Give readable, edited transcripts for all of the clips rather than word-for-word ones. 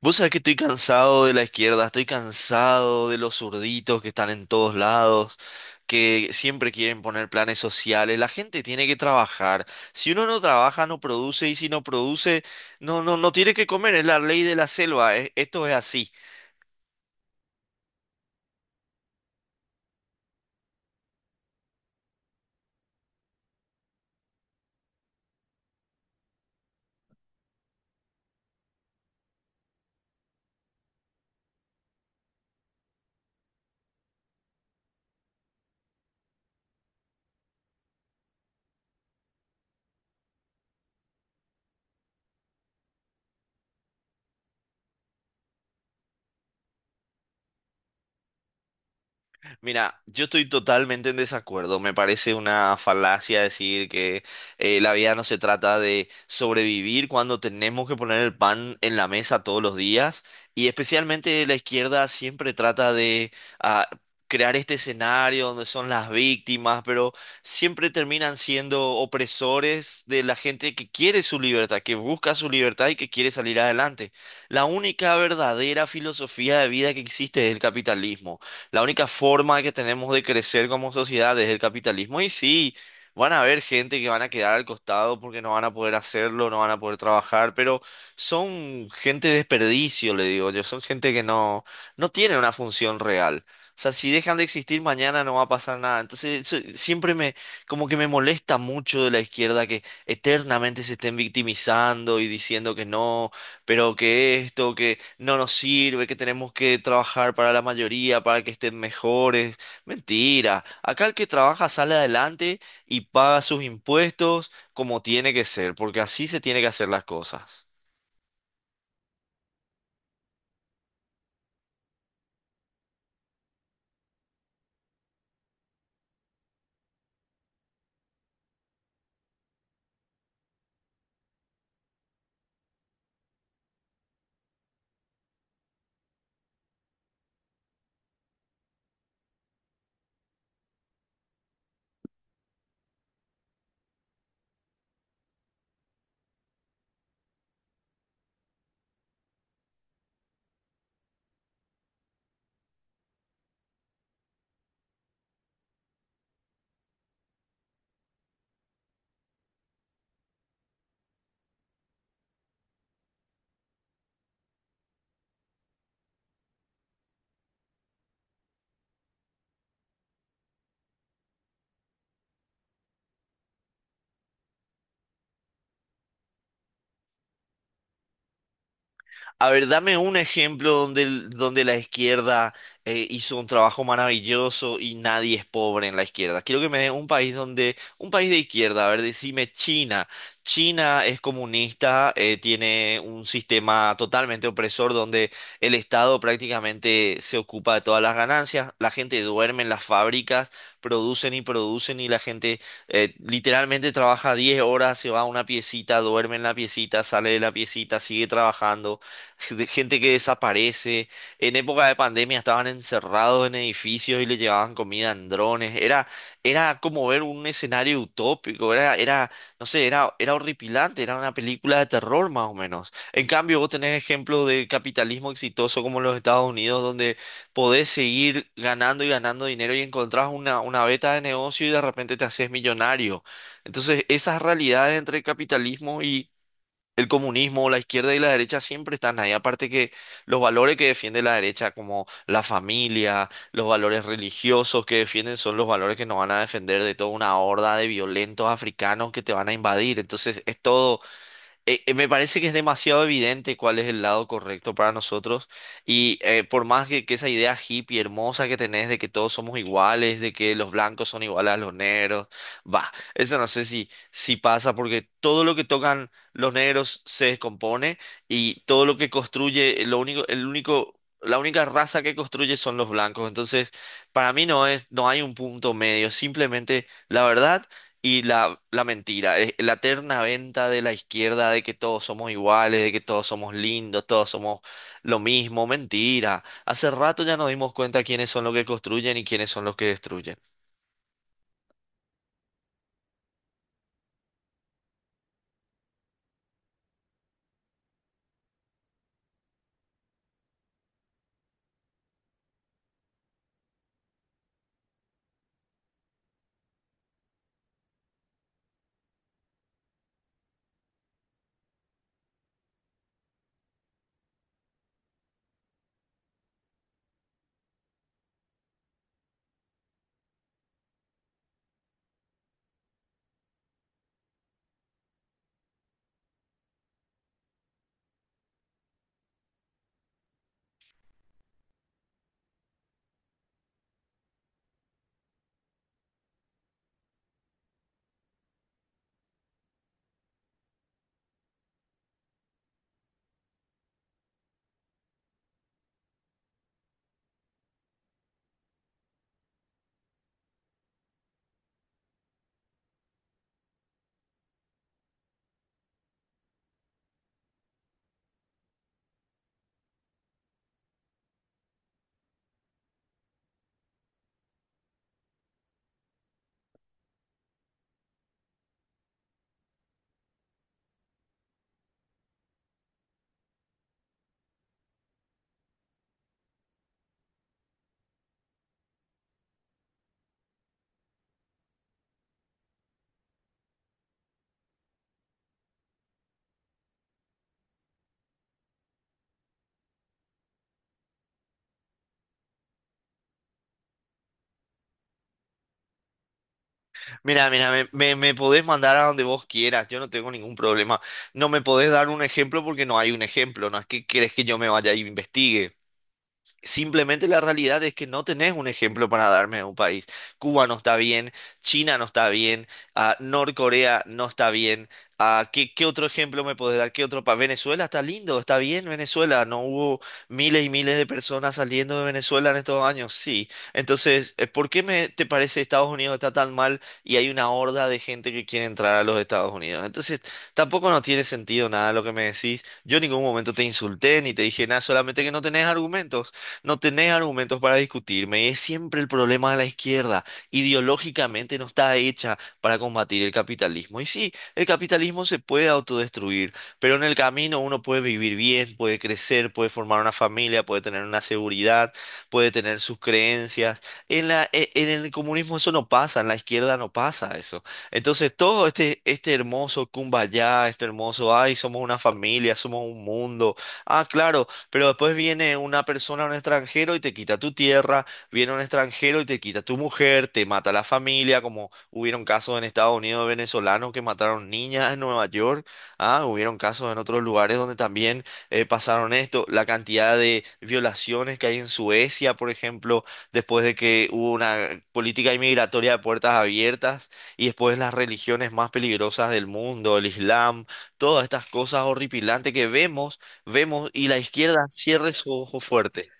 Vos sabés que estoy cansado de la izquierda, estoy cansado de los zurditos que están en todos lados, que siempre quieren poner planes sociales. La gente tiene que trabajar. Si uno no trabaja, no produce, y si no produce, no tiene que comer. Es la ley de la selva. Esto es así. Mira, yo estoy totalmente en desacuerdo. Me parece una falacia decir que la vida no se trata de sobrevivir cuando tenemos que poner el pan en la mesa todos los días. Y especialmente la izquierda siempre trata de ah, crear este escenario donde son las víctimas, pero siempre terminan siendo opresores de la gente que quiere su libertad, que busca su libertad y que quiere salir adelante. La única verdadera filosofía de vida que existe es el capitalismo. La única forma que tenemos de crecer como sociedad es el capitalismo. Y sí, van a haber gente que van a quedar al costado porque no van a poder hacerlo, no van a poder trabajar, pero son gente de desperdicio, le digo yo. Son gente que no, no tiene una función real. O sea, si dejan de existir mañana no va a pasar nada. Entonces, como que me molesta mucho de la izquierda que eternamente se estén victimizando y diciendo que no, pero que esto, que no nos sirve, que tenemos que trabajar para la mayoría, para que estén mejores. Mentira. Acá el que trabaja sale adelante y paga sus impuestos como tiene que ser, porque así se tiene que hacer las cosas. A ver, dame un ejemplo donde, donde la izquierda hizo un trabajo maravilloso y nadie es pobre en la izquierda. Quiero que me dé un país donde, un país de izquierda, a ver, decime China. China es comunista, tiene un sistema totalmente opresor donde el Estado prácticamente se ocupa de todas las ganancias, la gente duerme en las fábricas, producen y producen y la gente literalmente trabaja 10 horas, se va a una piecita, duerme en la piecita, sale de la piecita, sigue trabajando de gente que desaparece. En época de pandemia estaban encerrados en edificios y le llevaban comida en drones. Era como ver un escenario utópico, no sé, era horripilante, era una película de terror más o menos. En cambio, vos tenés ejemplos de capitalismo exitoso como los Estados Unidos, donde podés seguir ganando y ganando dinero y encontrás una beta de negocio y de repente te haces millonario. Entonces, esas realidades entre el capitalismo y el comunismo, la izquierda y la derecha siempre están ahí. Aparte que los valores que defiende la derecha, como la familia, los valores religiosos que defienden, son los valores que nos van a defender de toda una horda de violentos africanos que te van a invadir. Entonces es todo, me parece que es demasiado evidente cuál es el lado correcto para nosotros y por más que esa idea hippie hermosa que tenés de que todos somos iguales, de que los blancos son iguales a los negros, va, eso no sé si pasa porque todo lo que tocan los negros se descompone y todo lo que construye, el único... La única raza que construye son los blancos. Entonces, para mí no es, no hay un punto medio. Simplemente, la verdad. Y la mentira, la eterna venta de la izquierda de que todos somos iguales, de que todos somos lindos, todos somos lo mismo, mentira. Hace rato ya nos dimos cuenta quiénes son los que construyen y quiénes son los que destruyen. Mira, mira, me podés mandar a donde vos quieras, yo no tengo ningún problema. No me podés dar un ejemplo porque no hay un ejemplo, no es que querés que yo me vaya y investigue. Simplemente la realidad es que no tenés un ejemplo para darme de un país. Cuba no está bien, China no está bien, Norcorea no está bien. Qué otro ejemplo me podés dar? ¿Qué otro país? Venezuela está lindo, está bien Venezuela. No hubo miles y miles de personas saliendo de Venezuela en estos años. Sí. Entonces, ¿por qué me te parece Estados Unidos está tan mal y hay una horda de gente que quiere entrar a los Estados Unidos? Entonces, tampoco no tiene sentido nada lo que me decís. Yo en ningún momento te insulté ni te dije nada, solamente que no tenés argumentos. No tenés argumentos para discutirme. Es siempre el problema de la izquierda. Ideológicamente no está hecha para combatir el capitalismo. Y sí, el capitalismo se puede autodestruir, pero en el camino uno puede vivir bien, puede crecer, puede formar una familia, puede tener una seguridad, puede tener sus creencias. En el comunismo eso no pasa, en la izquierda no pasa eso. Entonces todo este hermoso kumbaya, este hermoso, ay, somos una familia, somos un mundo. Ah, claro, pero después viene una persona, un extranjero, y te quita tu tierra, viene un extranjero y te quita tu mujer, te mata la familia, como hubieron casos en Estados Unidos de venezolanos que mataron niñas en Nueva York, hubieron casos en otros lugares donde también pasaron esto, la cantidad de violaciones que hay en Suecia, por ejemplo, después de que hubo una política inmigratoria de puertas abiertas, y después las religiones más peligrosas del mundo, el Islam, todas estas cosas horripilantes que vemos vemos y la izquierda cierre su ojo fuerte.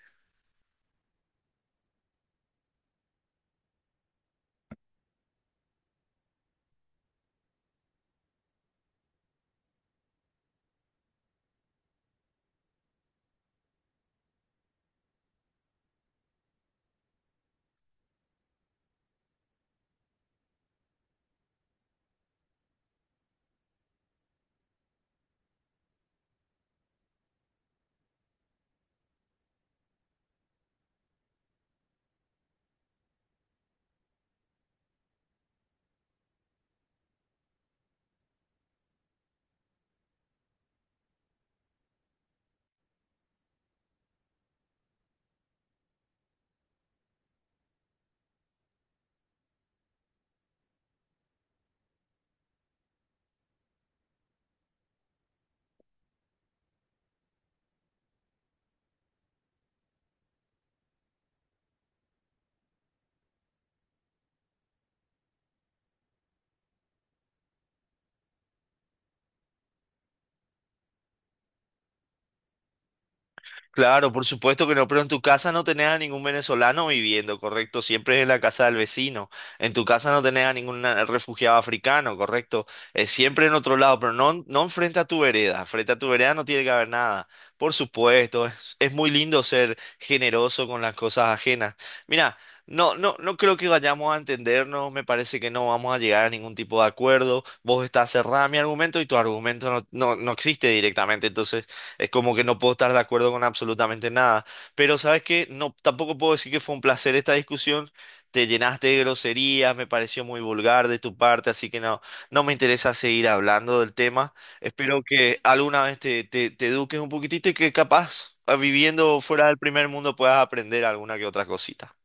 Claro, por supuesto que no, pero en tu casa no tenés a ningún venezolano viviendo, ¿correcto? Siempre es en la casa del vecino. En tu casa no tenés a ningún refugiado africano, ¿correcto? Es siempre en otro lado, pero no, no enfrente a tu vereda. Frente a tu vereda no tiene que haber nada. Por supuesto, es muy lindo ser generoso con las cosas ajenas. Mira, no creo que vayamos a entendernos, me parece que no vamos a llegar a ningún tipo de acuerdo. Vos estás cerrada a mi argumento y tu argumento no existe directamente, entonces... Es como que no puedo estar de acuerdo con absolutamente nada. Pero sabes que no, tampoco puedo decir que fue un placer esta discusión. Te llenaste de groserías, me pareció muy vulgar de tu parte, así que no, no me interesa seguir hablando del tema. Espero que alguna vez te eduques un poquitito y que capaz, ah, viviendo fuera del primer mundo, puedas aprender alguna que otra cosita.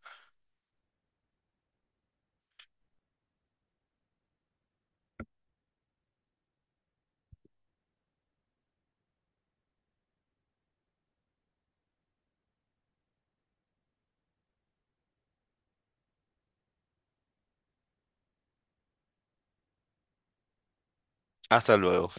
Hasta luego.